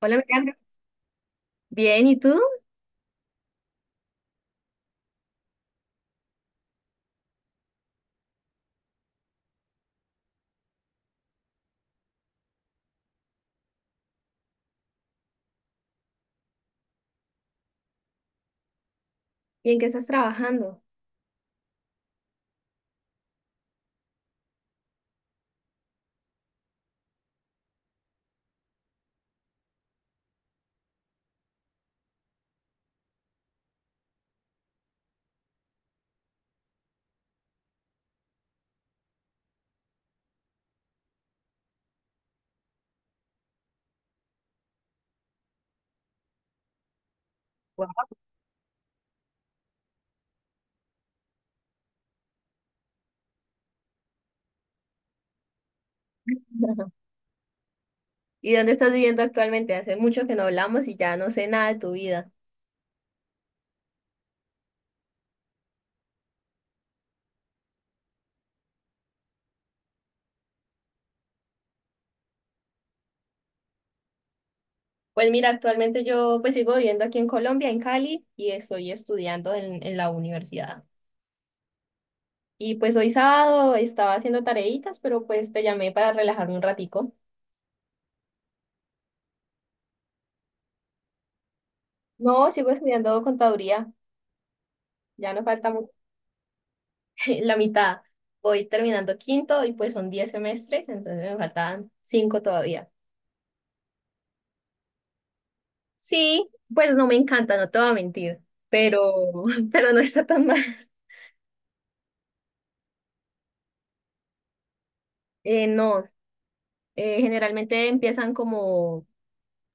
Hola, Miranda. Bien, ¿y tú? ¿Y en qué estás trabajando? ¿Y dónde estás viviendo actualmente? Hace mucho que no hablamos y ya no sé nada de tu vida. Pues mira, actualmente yo pues sigo viviendo aquí en Colombia, en Cali, y estoy estudiando en la universidad. Y pues hoy sábado estaba haciendo tareitas, pero pues te llamé para relajarme un ratico. No, sigo estudiando contaduría, ya no falta mu- la mitad. Voy terminando quinto y pues son 10 semestres, entonces me faltan 5 todavía. Sí, pues no me encanta, no te voy a mentir, pero, pero no está tan mal. No, generalmente empiezan como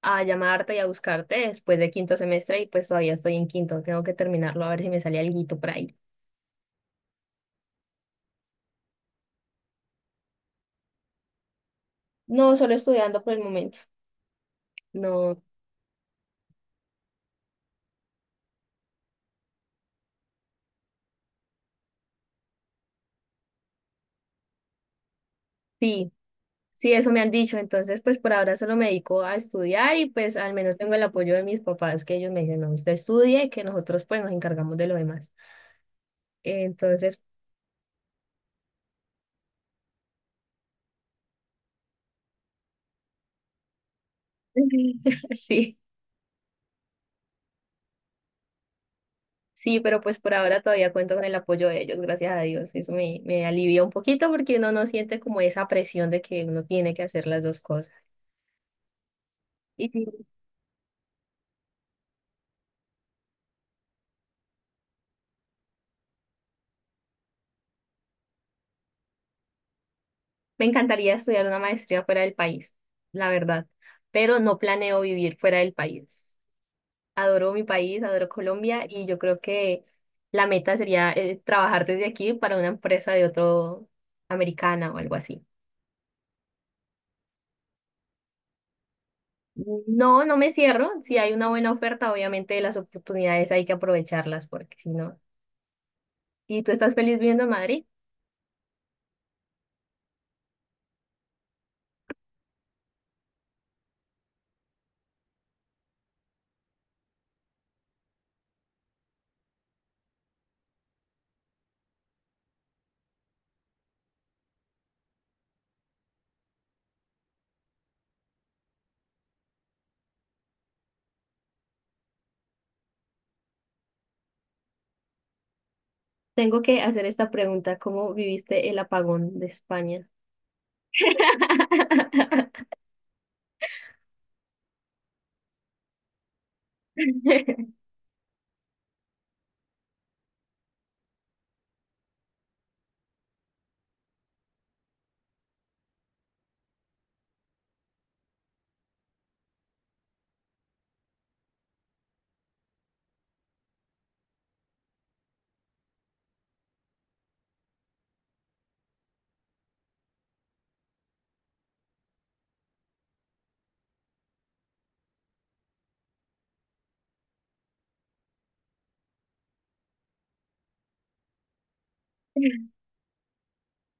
a llamarte y a buscarte después de quinto semestre y pues todavía estoy en quinto, tengo que terminarlo a ver si me sale alguito por ahí. No, solo estudiando por el momento. No, sí, sí, eso me han dicho, entonces pues por ahora solo me dedico a estudiar y pues al menos tengo el apoyo de mis papás que ellos me dicen, no, usted estudie, que nosotros pues nos encargamos de lo demás. Entonces, sí. Sí, pero pues por ahora todavía cuento con el apoyo de ellos, gracias a Dios. Eso me, me alivia un poquito porque uno no siente como esa presión de que uno tiene que hacer las dos cosas. Y sí, me encantaría estudiar una maestría fuera del país, la verdad, pero no planeo vivir fuera del país. Adoro mi país, adoro Colombia y yo creo que la meta sería trabajar desde aquí para una empresa de otro americana o algo así. No, no me cierro. Si hay una buena oferta, obviamente las oportunidades hay que aprovecharlas porque si no... ¿Y tú estás feliz viviendo en Madrid? Tengo que hacer esta pregunta, ¿cómo viviste el apagón de España?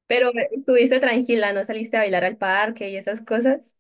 Pero estuviste tranquila, no saliste a bailar al parque y esas cosas.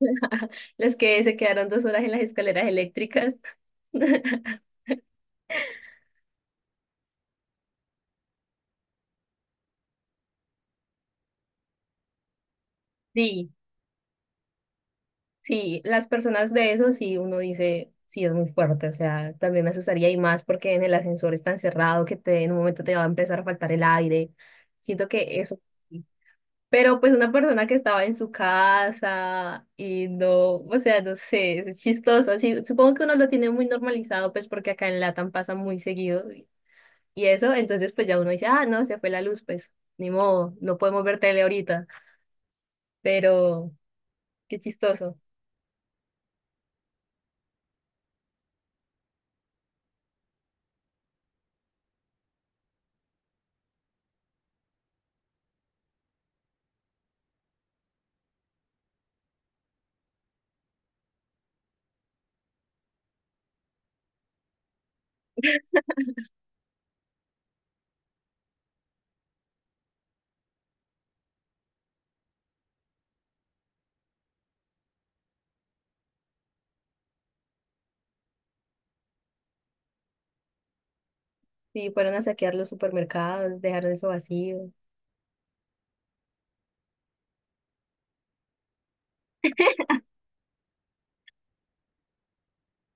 Las que se quedaron 2 horas en las escaleras eléctricas. Sí, sí, las personas de eso sí, uno dice, sí es muy fuerte, o sea, también me asustaría y más porque en el ascensor es tan cerrado que te, en un momento te va a empezar a faltar el aire. Siento que eso. Sí, pero pues una persona que estaba en su casa y no, o sea, no sé, es chistoso. Así, supongo que uno lo tiene muy normalizado, pues porque acá en Latam pasa muy seguido y eso, entonces pues ya uno dice, ah, no, se fue la luz, pues ni modo, no podemos ver tele ahorita, pero qué chistoso. Sí, fueron a saquear los supermercados, dejaron eso vacío.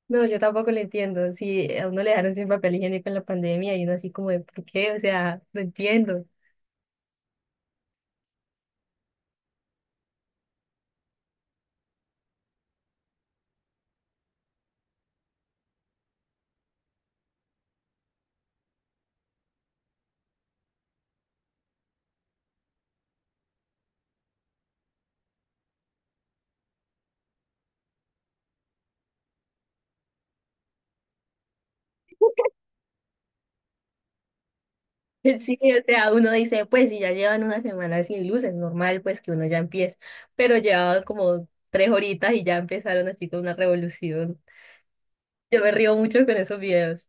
No, yo tampoco lo entiendo. Si a uno le dejaron sin papel higiénico en la pandemia y uno así como de, ¿por qué? O sea, no entiendo. Sí, o sea, uno dice, pues si ya llevan una semana sin luz, es normal pues que uno ya empiece, pero llevaba como 3 horitas y ya empezaron así con una revolución. Yo me río mucho con esos videos.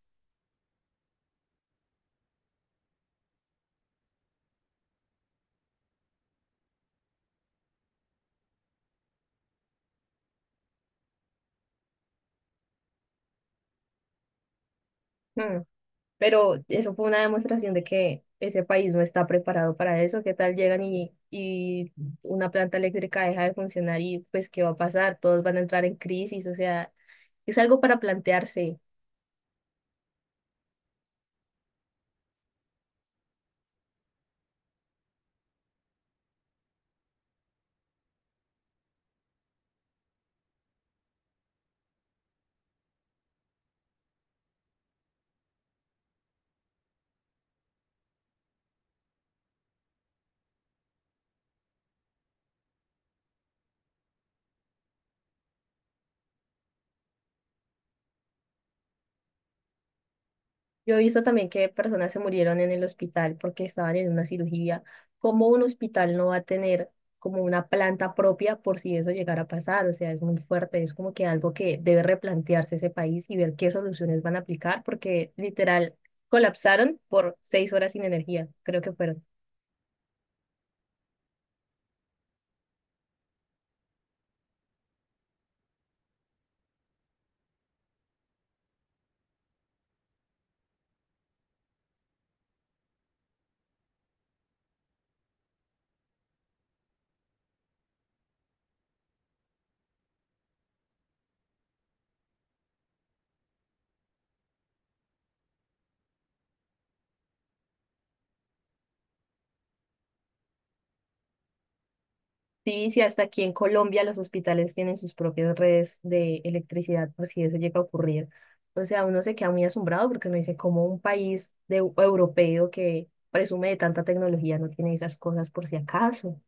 Mm, pero eso fue una demostración de que ese país no está preparado para eso. ¿Qué tal llegan y una planta eléctrica deja de funcionar y pues qué va a pasar? Todos van a entrar en crisis, o sea, es algo para plantearse. Yo he visto también que personas se murieron en el hospital porque estaban en una cirugía. ¿Cómo un hospital no va a tener como una planta propia por si eso llegara a pasar? O sea, es muy fuerte, es como que algo que debe replantearse ese país y ver qué soluciones van a aplicar porque literal colapsaron por 6 horas sin energía, creo que fueron. Sí, sí, hasta aquí en Colombia los hospitales tienen sus propias redes de electricidad por si eso llega a ocurrir. O sea, uno se queda muy asombrado porque uno dice, como un país de, europeo que presume de tanta tecnología no tiene esas cosas por si acaso?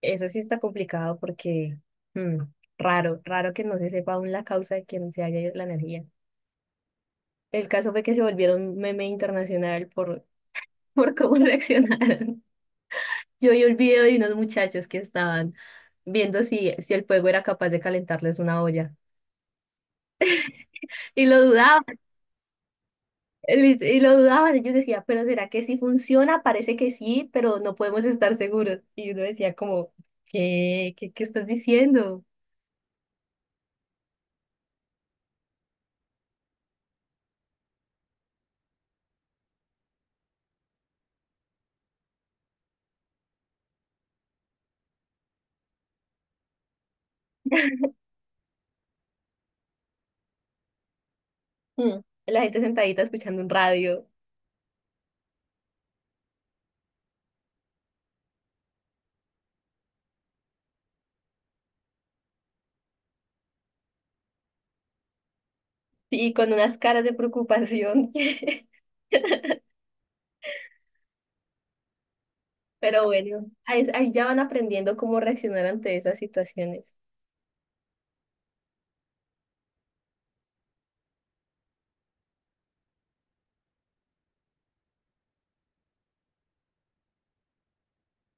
Eso sí está complicado porque mm, raro, raro que no se sepa aún la causa de que no se haya ido la energía. El caso fue que se volvieron meme internacional por cómo reaccionaron. Yo vi el video de unos muchachos que estaban viendo si el fuego era capaz de calentarles una olla. Y lo dudaban, y lo dudaban. Ellos decían, pero ¿será que sí funciona? Parece que sí, pero no podemos estar seguros. Y uno decía como, ¿qué? ¿Qué estás diciendo? Mm. La gente sentadita escuchando un radio y con unas caras de preocupación. Pero bueno, ahí ya van aprendiendo cómo reaccionar ante esas situaciones.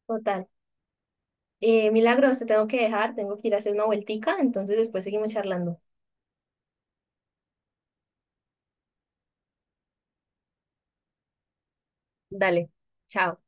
Total. Milagros, te tengo que dejar, tengo que ir a hacer una vueltica, entonces después seguimos charlando. Dale, chao.